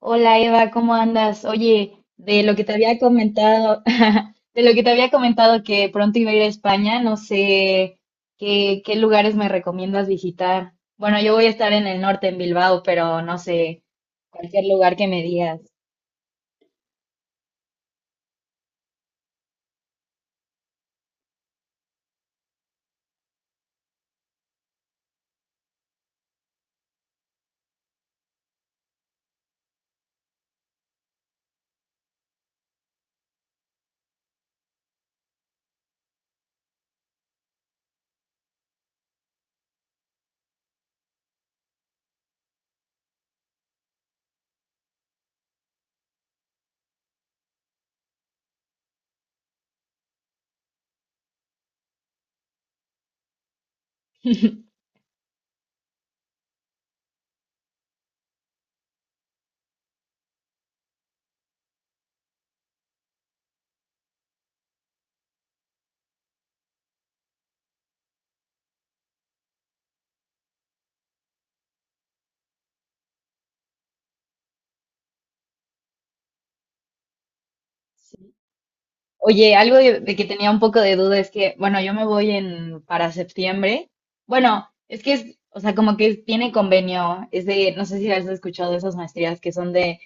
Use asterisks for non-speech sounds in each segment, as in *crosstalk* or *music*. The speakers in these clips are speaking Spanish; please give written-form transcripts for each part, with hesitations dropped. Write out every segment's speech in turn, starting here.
Hola Eva, ¿cómo andas? Oye, de lo que te había comentado, *laughs* de lo que te había comentado que pronto iba a ir a España, no sé qué, qué lugares me recomiendas visitar. Bueno, yo voy a estar en el norte, en Bilbao, pero no sé, cualquier lugar que me digas. *laughs* Oye, algo de que tenía un poco de duda es que, bueno, yo me voy en para septiembre. Bueno, es que es, o sea, como que tiene convenio, es de, no sé si has escuchado esas maestrías que son de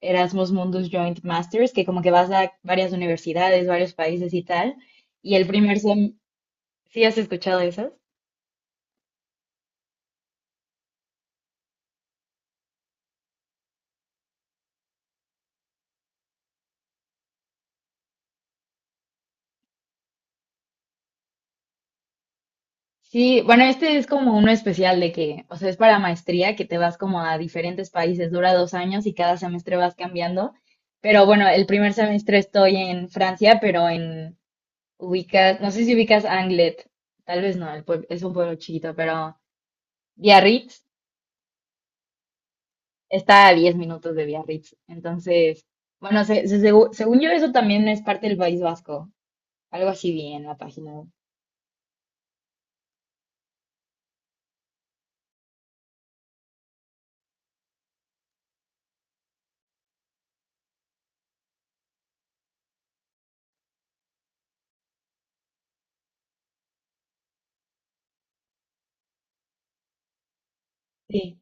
Erasmus Mundus Joint Masters, que como que vas a varias universidades, varios países y tal. Y el primer sem, ¿sí has escuchado esas? Sí, bueno, este es como uno especial de que, o sea, es para maestría, que te vas como a diferentes países, dura dos años y cada semestre vas cambiando. Pero bueno, el primer semestre estoy en Francia, pero en ubicas, no sé si ubicas Anglet, tal vez no, el es un pueblo chiquito, pero Biarritz está a 10 minutos de Biarritz. Entonces, bueno, según yo eso también es parte del País Vasco, algo así vi en la página. Sí.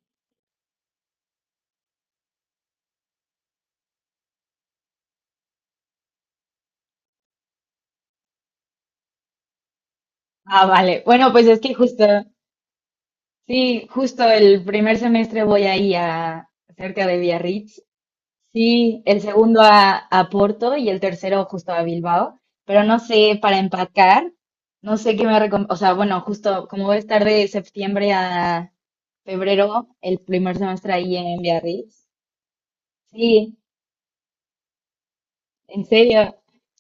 Ah, vale. Bueno, pues es que justo... Sí, justo el primer semestre voy ahí a cerca de Biarritz. Sí, el segundo a Porto y el tercero justo a Bilbao. Pero no sé para empacar, no sé qué me recomiendo. O sea, bueno, justo como voy a estar de septiembre a febrero, el primer semestre ahí en Biarritz. Sí, en serio.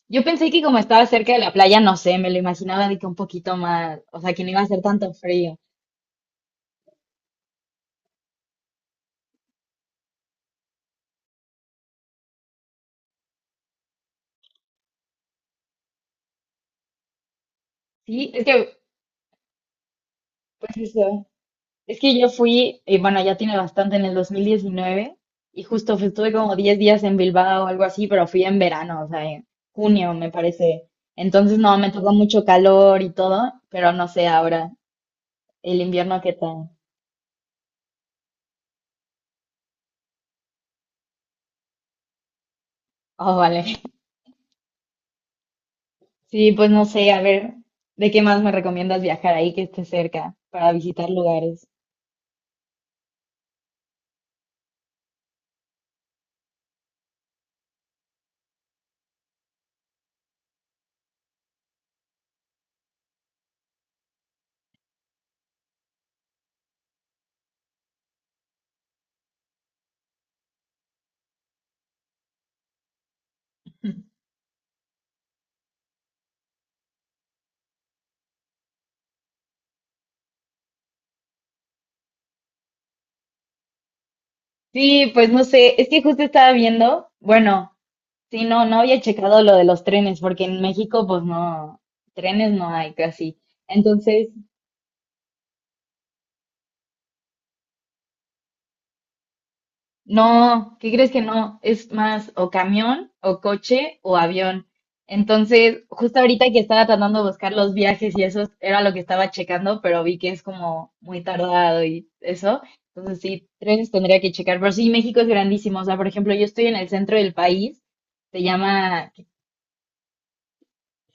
Yo pensé que como estaba cerca de la playa, no sé, me lo imaginaba de que un poquito más, o sea, que no iba a hacer tanto frío. Sí, es que, pues eso. Es que yo fui, bueno, ya tiene bastante, en el 2019, y justo estuve como 10 días en Bilbao o algo así, pero fui en verano, o sea, en junio, me parece. Entonces, no, me tocó mucho calor y todo, pero no sé ahora, el invierno qué tal. Oh, vale. *laughs* Sí, pues no sé, a ver, ¿de qué más me recomiendas viajar ahí que esté cerca para visitar lugares? Sí, pues no sé, es que justo estaba viendo, bueno. Sí, no, no había checado lo de los trenes, porque en México, pues no, trenes no hay casi. Entonces, no, ¿qué crees que no? Es más o camión, o coche, o avión. Entonces, justo ahorita que estaba tratando de buscar los viajes y eso era lo que estaba checando, pero vi que es como muy tardado y eso. Entonces, sí, trenes tendría que checar. Pero sí, México es grandísimo. O sea, por ejemplo, yo estoy en el centro del país, se llama.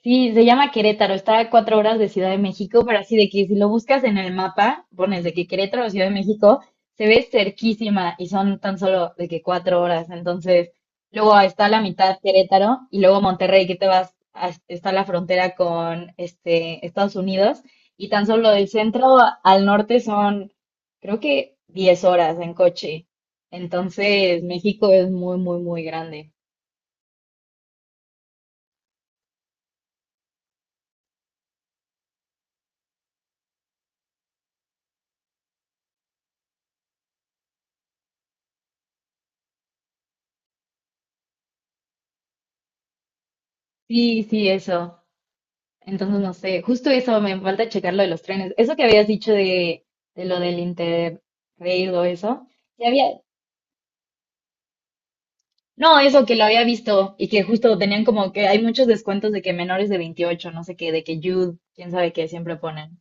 Sí, se llama Querétaro, está a 4 horas de Ciudad de México, pero así de que si lo buscas en el mapa, pones de que Querétaro, Ciudad de México, se ve cerquísima y son tan solo de que 4 horas. Entonces, luego está la mitad Querétaro y luego Monterrey, que te vas, está la frontera con este, Estados Unidos y tan solo del centro al norte son, creo que 10 horas en coche. Entonces, México es muy, muy, muy grande. Sí, sí, eso. Entonces, no sé, justo eso, me falta checar lo de los trenes. Eso que habías dicho de lo del Interrail o eso, ya había, no, eso que lo había visto y que justo tenían como que hay muchos descuentos de que menores de 28 no sé qué, de que Youth, quién sabe qué, siempre ponen.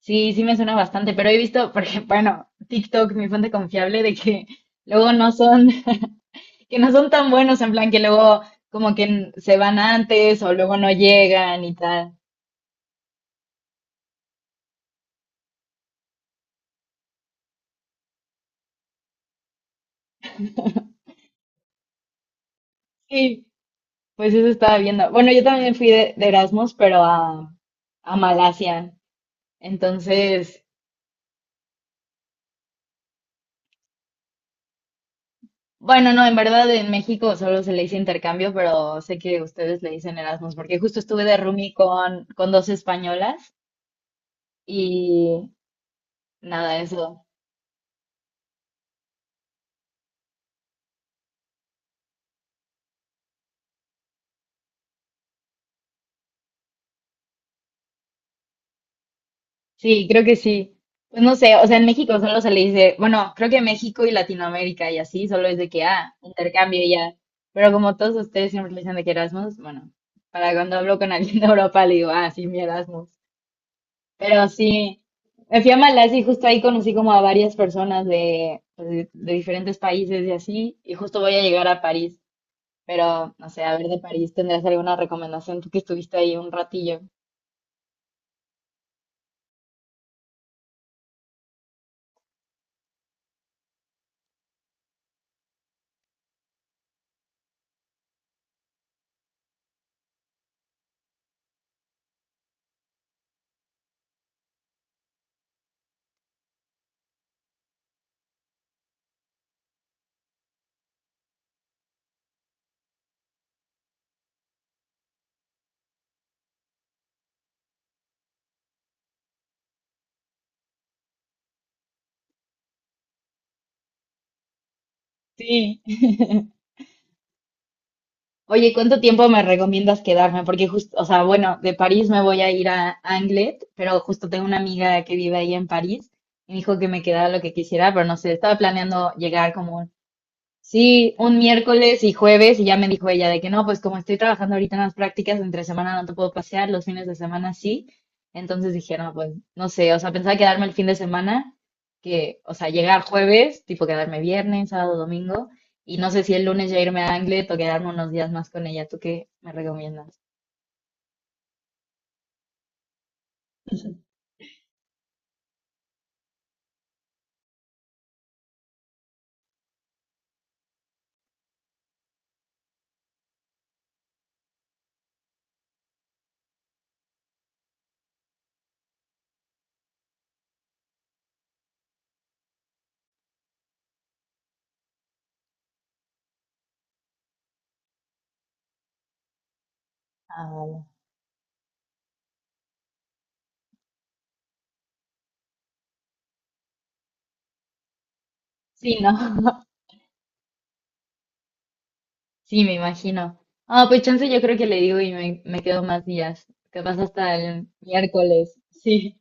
Sí, sí me suena bastante, pero he visto, porque, bueno, TikTok, mi fuente confiable, de que luego no son, *laughs* que no son tan buenos, en plan que luego como que se van antes o luego no llegan y tal. Sí. Pues eso estaba viendo. Bueno, yo también fui de Erasmus, pero a Malasia. Entonces, bueno, no, en verdad en México solo se le dice intercambio, pero sé que ustedes le dicen Erasmus, porque justo estuve de roomie con dos españolas y nada, eso. Sí, creo que sí. Pues no sé, o sea, en México solo se le dice, bueno, creo que México y Latinoamérica y así, solo es de que, ah, intercambio y ya. Pero como todos ustedes siempre le dicen de que Erasmus, bueno, para cuando hablo con alguien de Europa le digo, ah, sí, mi Erasmus. Pero sí, me fui a Malasia y justo ahí conocí como a varias personas de, pues, de diferentes países y así, y justo voy a llegar a París, pero no sé, a ver de París, ¿tendrás alguna recomendación tú que estuviste ahí un ratillo? Sí. *laughs* Oye, ¿cuánto tiempo me recomiendas quedarme? Porque justo, o sea, bueno, de París me voy a ir a Anglet, pero justo tengo una amiga que vive ahí en París y me dijo que me quedara lo que quisiera, pero no sé, estaba planeando llegar como. Sí, un miércoles y jueves y ya me dijo ella de que no, pues como estoy trabajando ahorita en las prácticas, entre semana no te puedo pasear, los fines de semana sí. Entonces dije, no, pues no sé, o sea, pensaba quedarme el fin de semana, que, o sea, llegar jueves, tipo quedarme viernes, sábado, domingo, y no sé si el lunes ya irme a Anglet o quedarme unos días más con ella. ¿Tú qué me recomiendas? Ah, vale. Sí, ¿no? *laughs* Sí, me imagino. Ah, pues chance yo creo que le digo y me quedo más días, capaz hasta el miércoles. Sí.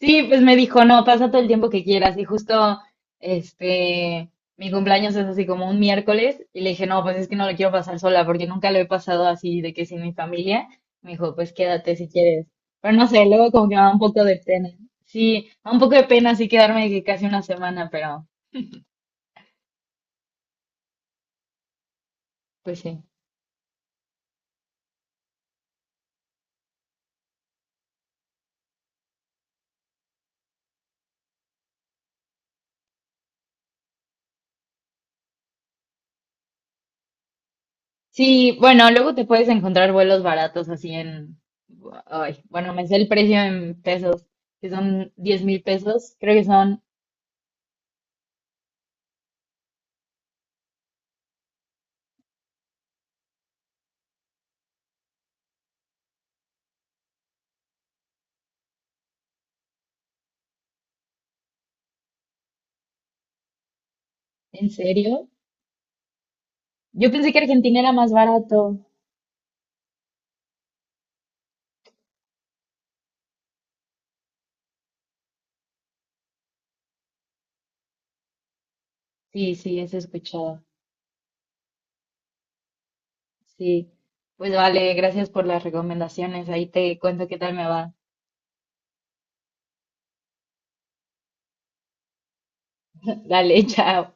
Sí, pues me dijo, no, pasa todo el tiempo que quieras. Y justo, este, mi cumpleaños es así como un miércoles. Y le dije, no, pues es que no lo quiero pasar sola porque nunca lo he pasado así de que sin mi familia. Me dijo, pues quédate si quieres. Pero no sé, luego como que me da un poco de pena. Sí, me da un poco de pena así quedarme de que casi una semana, pero pues sí. Sí, bueno, luego te puedes encontrar vuelos baratos así en... Ay, bueno, me sé el precio en pesos, que son 10.000 pesos. Creo que son, ¿en serio? Yo pensé que Argentina era más barato. Sí, sí, eso he escuchado. Sí. Pues vale, gracias por las recomendaciones. Ahí te cuento qué tal me va. *laughs* Dale, chao.